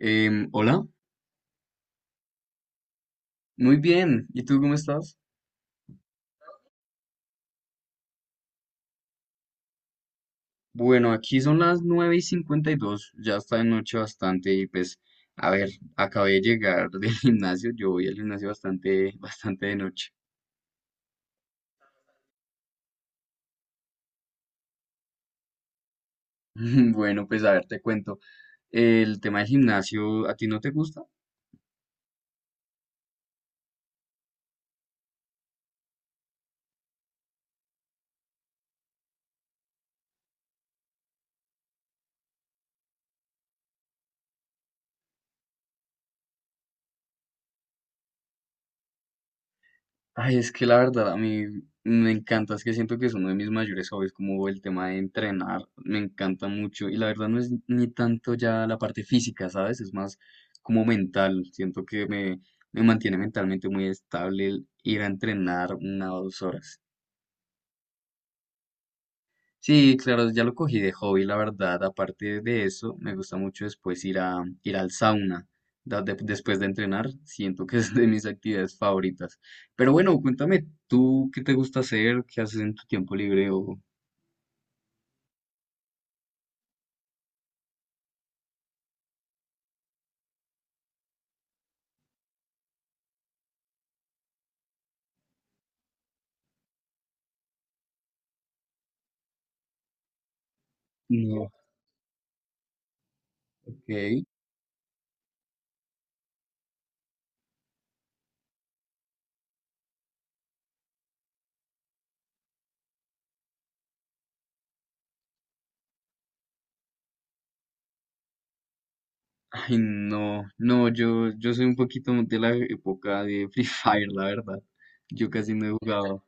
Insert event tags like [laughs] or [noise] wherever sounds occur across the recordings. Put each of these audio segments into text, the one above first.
Hola, muy bien. ¿Y tú cómo estás? Bueno, aquí son las 9:52. Ya está de noche bastante y pues, a ver, acabé de llegar [laughs] del gimnasio. Yo voy al gimnasio bastante, bastante de noche. [laughs] Bueno, pues a ver, te cuento. El tema del gimnasio, ¿a ti no te gusta? Ay, es que la verdad a mí me encanta, es que siento que es uno de mis mayores hobbies, como el tema de entrenar, me encanta mucho y la verdad no es ni tanto ya la parte física, ¿sabes? Es más como mental, siento que me mantiene mentalmente muy estable el ir a entrenar 1 o 2 horas. Sí, claro, ya lo cogí de hobby, la verdad. Aparte de eso, me gusta mucho después ir al sauna. Después de entrenar, siento que es de mis actividades favoritas. Pero bueno, cuéntame, ¿tú qué te gusta hacer? ¿Qué haces en tu tiempo libre? O... No, ok. Ay, no, no, yo soy un poquito de la época de Free [laughs] Fire, la verdad. Yo casi no he jugado.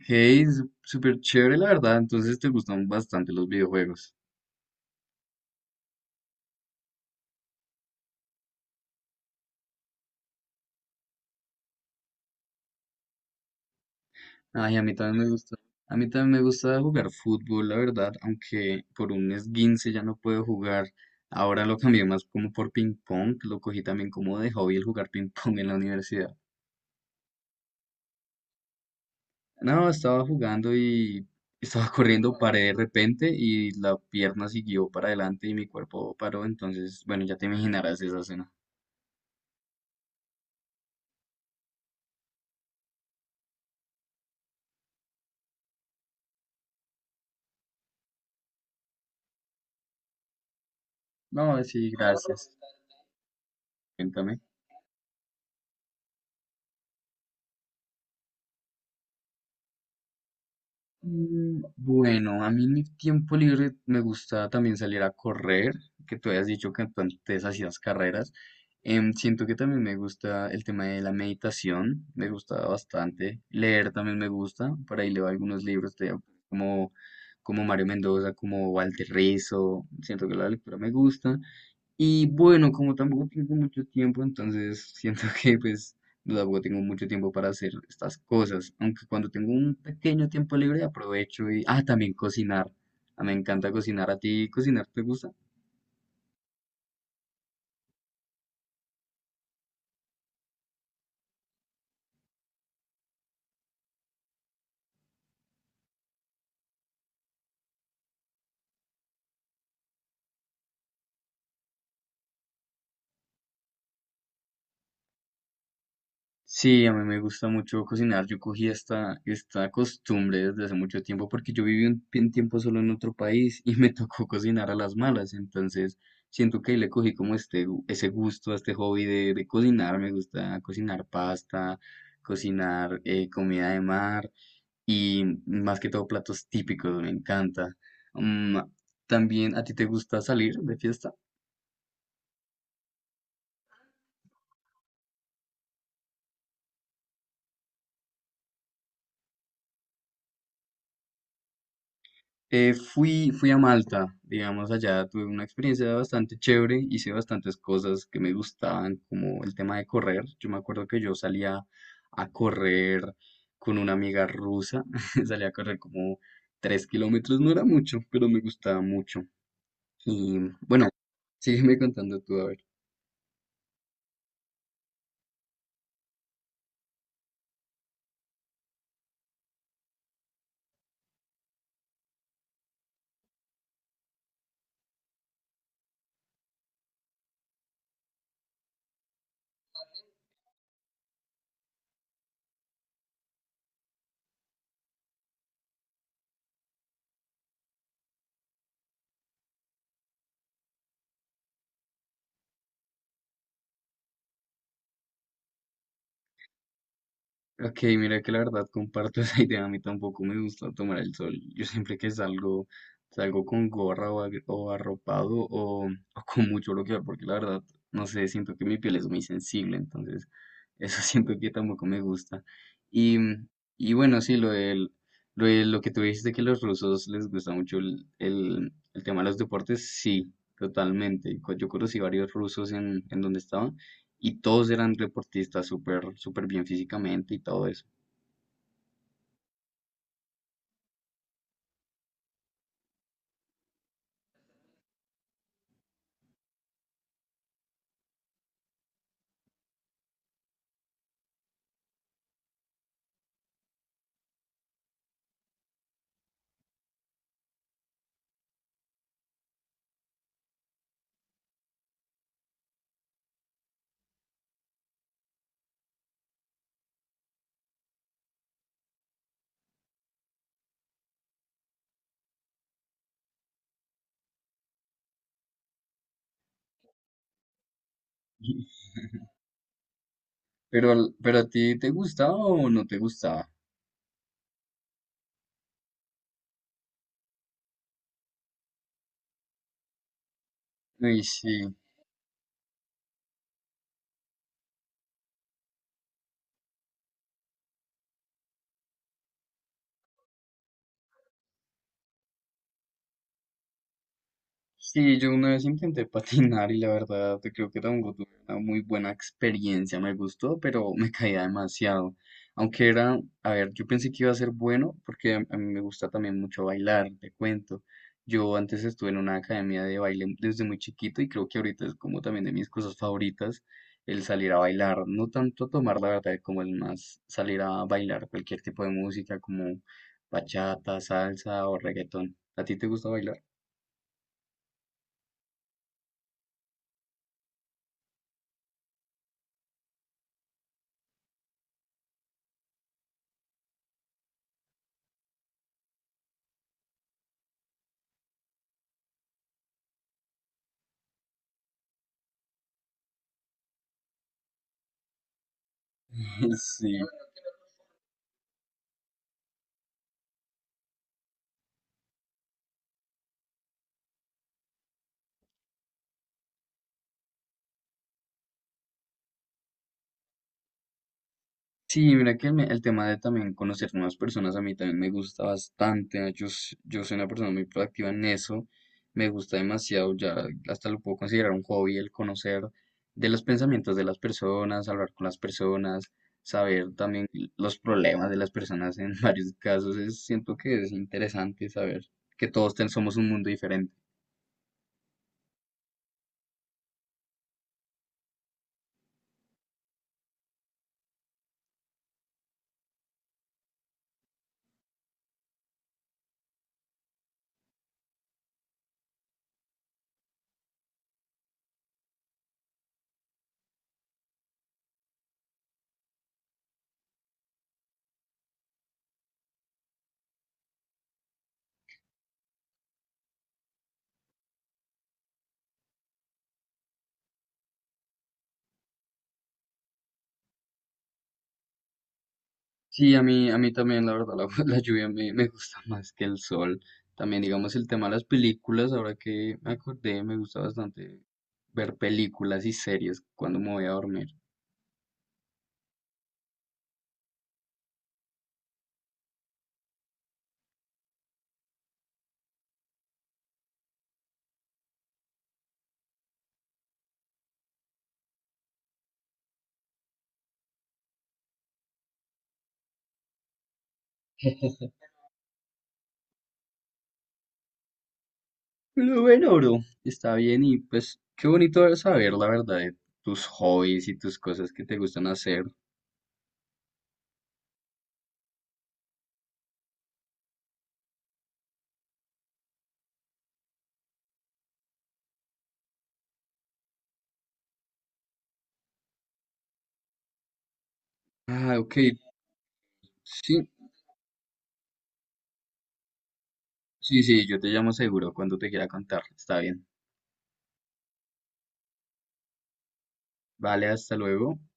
Hey, súper chévere, la verdad. Entonces te gustan bastante los videojuegos. Ay, a mí también me gusta. A mí también me gusta jugar fútbol, la verdad, aunque por un esguince ya no puedo jugar. Ahora lo cambié más como por ping pong, lo cogí también como de hobby el jugar ping pong en la universidad. No, estaba jugando y estaba corriendo, paré de repente y la pierna siguió para adelante y mi cuerpo paró, entonces, bueno, ya te imaginarás esa escena. No, sí, gracias. Cuéntame. Bueno, a mí en mi tiempo libre me gusta también salir a correr, que tú habías dicho que tú antes hacías carreras. Siento que también me gusta el tema de la meditación, me gusta bastante. Leer también me gusta, por ahí leo algunos libros de, como, como Mario Mendoza, como Walter Rizzo, siento que la lectura me gusta. Y bueno, como tampoco tengo mucho tiempo, entonces siento [laughs] que pues no tampoco tengo mucho tiempo para hacer estas cosas, aunque cuando tengo un pequeño tiempo libre aprovecho y... Ah, también cocinar. Ah, me encanta cocinar. ¿A ti cocinar te gusta? Sí, a mí me gusta mucho cocinar. Yo cogí esta costumbre desde hace mucho tiempo porque yo viví un tiempo solo en otro país y [laughs] me tocó cocinar a las malas. Entonces, siento que ahí le cogí como este, ese gusto, este hobby de cocinar. Me gusta cocinar pasta, cocinar comida de mar. Y más que todo platos típicos, me encanta. Mm, También, ¿a ti te gusta salir de fiesta? Fui a Malta, digamos, allá tuve una experiencia bastante chévere, hice bastantes cosas que me gustaban, como el tema de correr. Yo me acuerdo que yo salía a correr con una amiga rusa, [laughs] salía a correr como 3 kilómetros, no era mucho, pero me gustaba mucho. Y bueno, sígueme contando tú, a ver. Ok, mira que la verdad comparto [laughs] esa idea, a mí tampoco me gusta tomar el sol. Yo siempre que salgo, salgo con gorra o, o arropado o con mucho bloqueador, porque la verdad, no sé, siento que mi piel es muy sensible, entonces eso [laughs] siento que tampoco me gusta. Y, y bueno, sí, lo de lo que tú dijiste que los rusos les gusta mucho el tema de los deportes, sí, totalmente. Yo conocí varios rusos en donde estaba y todos eran deportistas súper, súper bien físicamente y todo eso. [laughs] ¿Pero a ti te gustaba o no te gustaba? Uy, sí. Sí, yo una vez intenté patinar y la verdad creo que tampoco tuve una muy buena experiencia. Me gustó, pero me caía demasiado. Aunque era, a ver, yo pensé que iba a ser bueno porque a mí me gusta también mucho bailar, te cuento. Yo antes estuve en una academia de baile desde muy chiquito y creo que ahorita es como también de mis cosas favoritas el salir a bailar. No tanto tomar la verdad como el más salir a bailar cualquier tipo de música como bachata, salsa o reggaetón. ¿A ti te gusta bailar? [laughs] Sí. Sí, mira que el tema de también conocer nuevas personas a mí también me gusta bastante. ¿No? Yo soy una persona muy proactiva en eso. Me gusta demasiado, ya hasta lo puedo considerar un hobby el conocer de los pensamientos de las personas, hablar con las personas, saber también los problemas de las personas en [laughs] varios casos. Siento que es interesante saber que todos somos un mundo diferente. Sí, a mí, también, la verdad, la, [laughs] la lluvia me gusta más que el sol. También, digamos, el tema de las películas, ahora que me acordé, me gusta bastante ver películas y series cuando me voy a dormir. Pero bueno, bro, está bien y pues qué bonito saber, la verdad, de tus hobbies y tus cosas que te gustan hacer. Ah, ok, sí, sí, sí, yo te llamo seguro cuando te quiera contar. Está bien. Vale, hasta luego.